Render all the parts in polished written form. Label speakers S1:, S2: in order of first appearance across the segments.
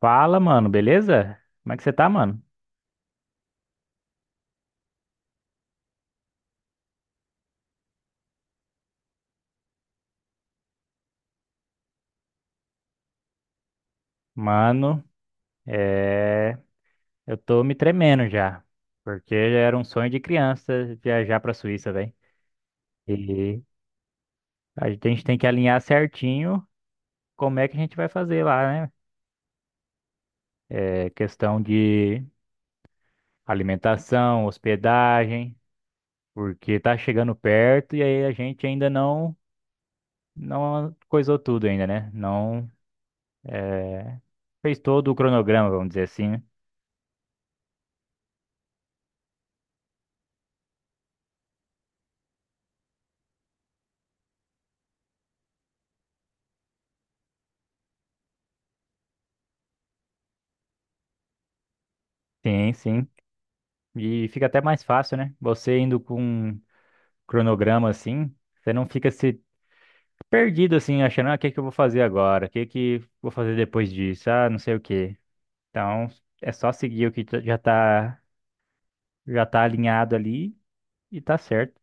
S1: Fala, mano, beleza? Como é que você tá, mano? Mano, é... eu tô me tremendo já, porque era um sonho de criança viajar pra Suíça, velho. E a gente tem que alinhar certinho como é que a gente vai fazer lá, né? É questão de alimentação, hospedagem, porque tá chegando perto e aí a gente ainda não, não coisou tudo ainda, né? Não, é, fez todo o cronograma, vamos dizer assim, né? Sim, sim. E fica até mais fácil, né? Você indo com um cronograma assim, você não fica se perdido assim, achando, ah, o que que eu vou fazer agora? O que que vou fazer depois disso? Ah, não sei o quê. Então, é só seguir já tá alinhado ali e tá certo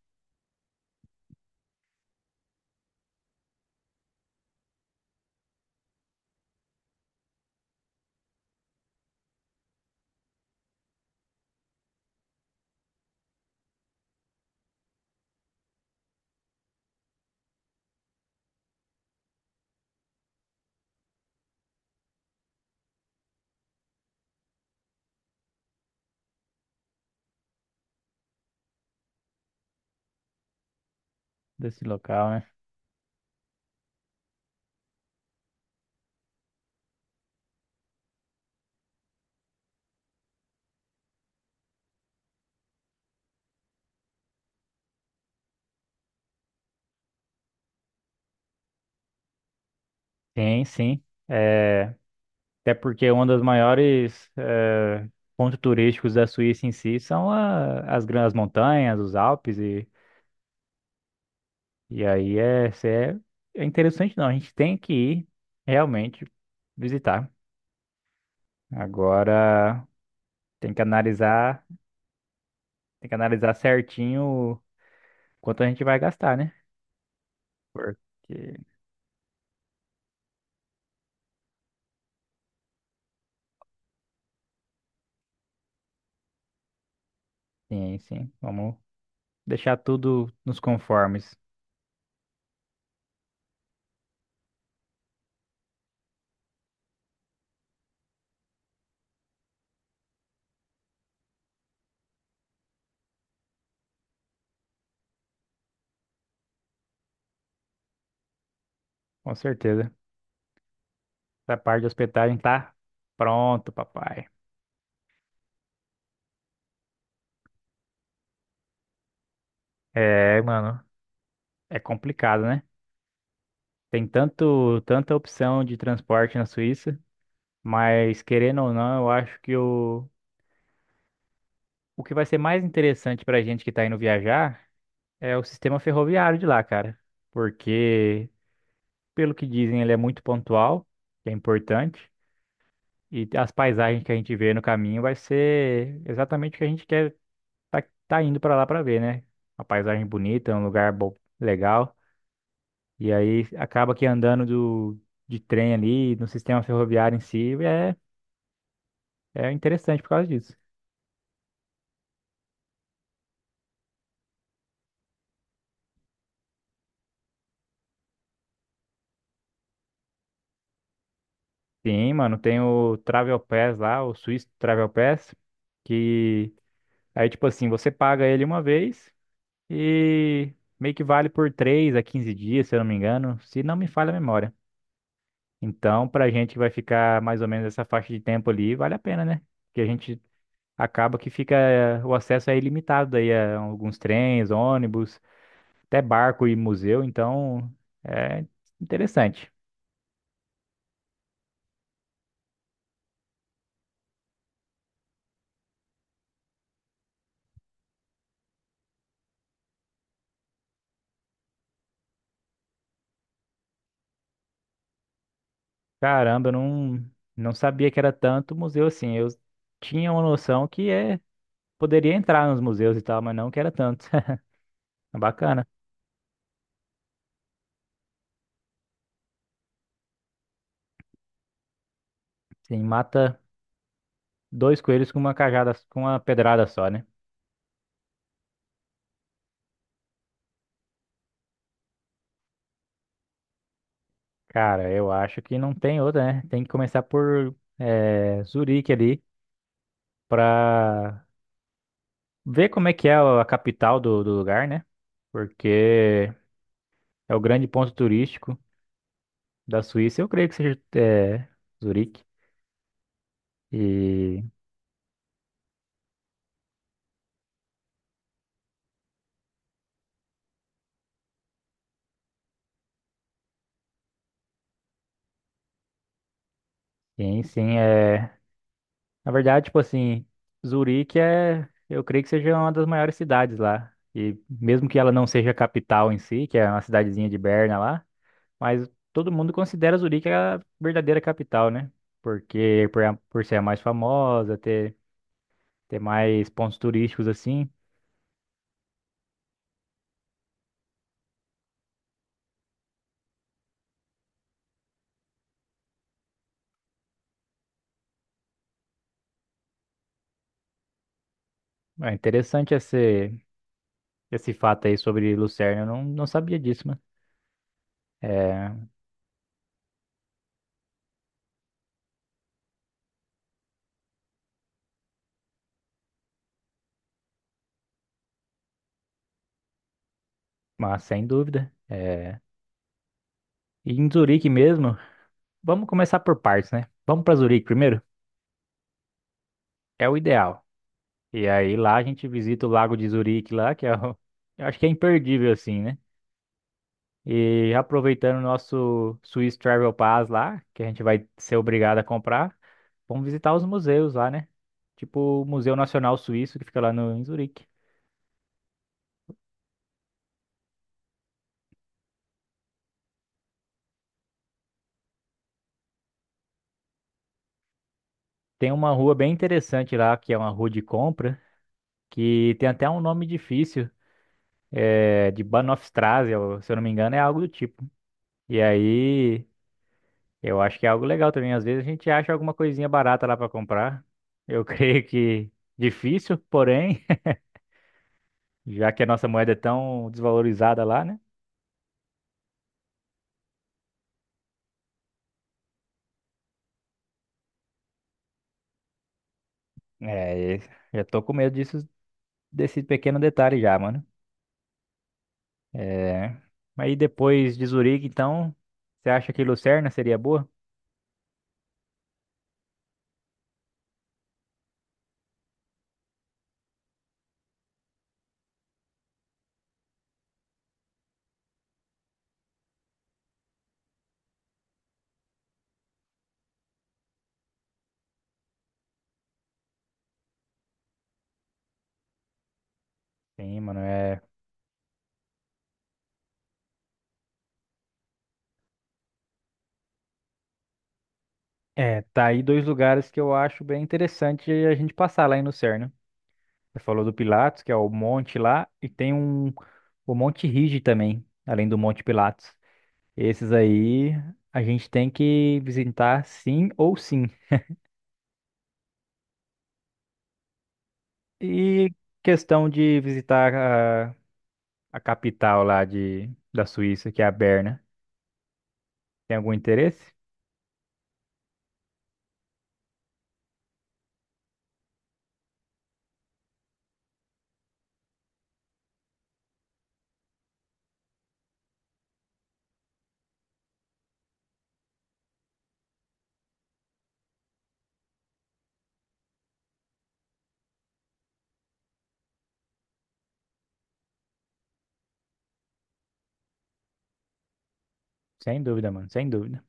S1: desse local, né? Sim, sim. É, até porque um dos maiores pontos turísticos da Suíça em si são as grandes montanhas, os Alpes. E aí é, se é, é interessante. Não, a gente tem que ir realmente visitar. Agora tem que analisar, tem que analisar certinho quanto a gente vai gastar, né? Porque sim, sim. Vamos deixar tudo nos conformes, com certeza. Essa parte de hospedagem tá pronto, papai. É, mano, é complicado, né? Tem tanta opção de transporte na Suíça, mas querendo ou não, eu acho que o que vai ser mais interessante pra gente que tá indo viajar é o sistema ferroviário de lá, cara. Porque, pelo que dizem, ele é muito pontual, que é importante, e as paisagens que a gente vê no caminho vai ser exatamente o que a gente quer tá indo pra lá pra ver, né? Uma paisagem bonita, um lugar bom, legal. E aí acaba que de trem ali, no sistema ferroviário em si, é interessante por causa disso. Sim, mano, tem o Travel Pass lá, o Swiss Travel Pass, que aí, tipo assim, você paga ele uma vez e meio que vale por 3 a 15 dias, se eu não me engano, se não me falha a memória. Então, pra gente que vai ficar mais ou menos essa faixa de tempo ali, vale a pena, né? Porque a gente acaba que fica, o acesso é ilimitado aí a alguns trens, ônibus, até barco e museu, então é interessante. Caramba, eu não, não sabia que era tanto museu assim. Eu tinha uma noção poderia entrar nos museus e tal, mas não que era tanto. Bacana. Sim, mata dois coelhos com uma cajada, com uma pedrada só, né? Cara, eu acho que não tem outra, né? Tem que começar por Zurique ali pra ver como é que é a capital do lugar, né? Porque é o grande ponto turístico da Suíça. Eu creio que seja Zurique. E sim, sim, é. Na verdade, tipo assim, Zurique é. Eu creio que seja uma das maiores cidades lá. E mesmo que ela não seja a capital em si, que é uma cidadezinha de Berna lá. Mas todo mundo considera Zurique a verdadeira capital, né? Por ser a mais famosa, ter mais pontos turísticos assim. É interessante esse fato aí sobre Lucerna. Eu não, não sabia disso, mano. É, mas sem dúvida. É. E em Zurique mesmo, vamos começar por partes, né? Vamos para Zurique primeiro? É o ideal. E aí lá a gente visita o Lago de Zurique lá, que é o, eu acho que é imperdível assim, né? E aproveitando o nosso Swiss Travel Pass lá, que a gente vai ser obrigado a comprar, vamos visitar os museus lá, né? Tipo o Museu Nacional Suíço, que fica lá no, em Zurique. Tem uma rua bem interessante lá, que é uma rua de compra, que tem até um nome difícil, de Bahnhofstrasse, ou, se eu não me engano, é algo do tipo. E aí, eu acho que é algo legal também. Às vezes a gente acha alguma coisinha barata lá para comprar. Eu creio que difícil, porém, já que a nossa moeda é tão desvalorizada lá, né? É, já tô com medo disso, desse pequeno detalhe já, mano. É, aí depois de Zurique, então, você acha que Lucerna seria boa? Sim, mano, tá aí dois lugares que eu acho bem interessante a gente passar lá em Lucerna. Você falou do Pilatos, que é o monte lá, e o Monte Rigi também, além do Monte Pilatos. Esses aí a gente tem que visitar sim ou sim. E questão de visitar a capital da Suíça, que é a Berna. Tem algum interesse? Sem dúvida, mano, sem dúvida.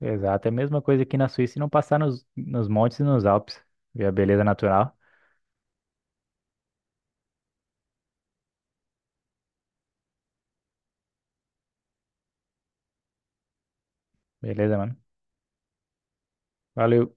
S1: Exato, é a mesma coisa aqui na Suíça e não passar nos montes e nos Alpes. Ver a beleza natural. Beleza, mano. Valeu.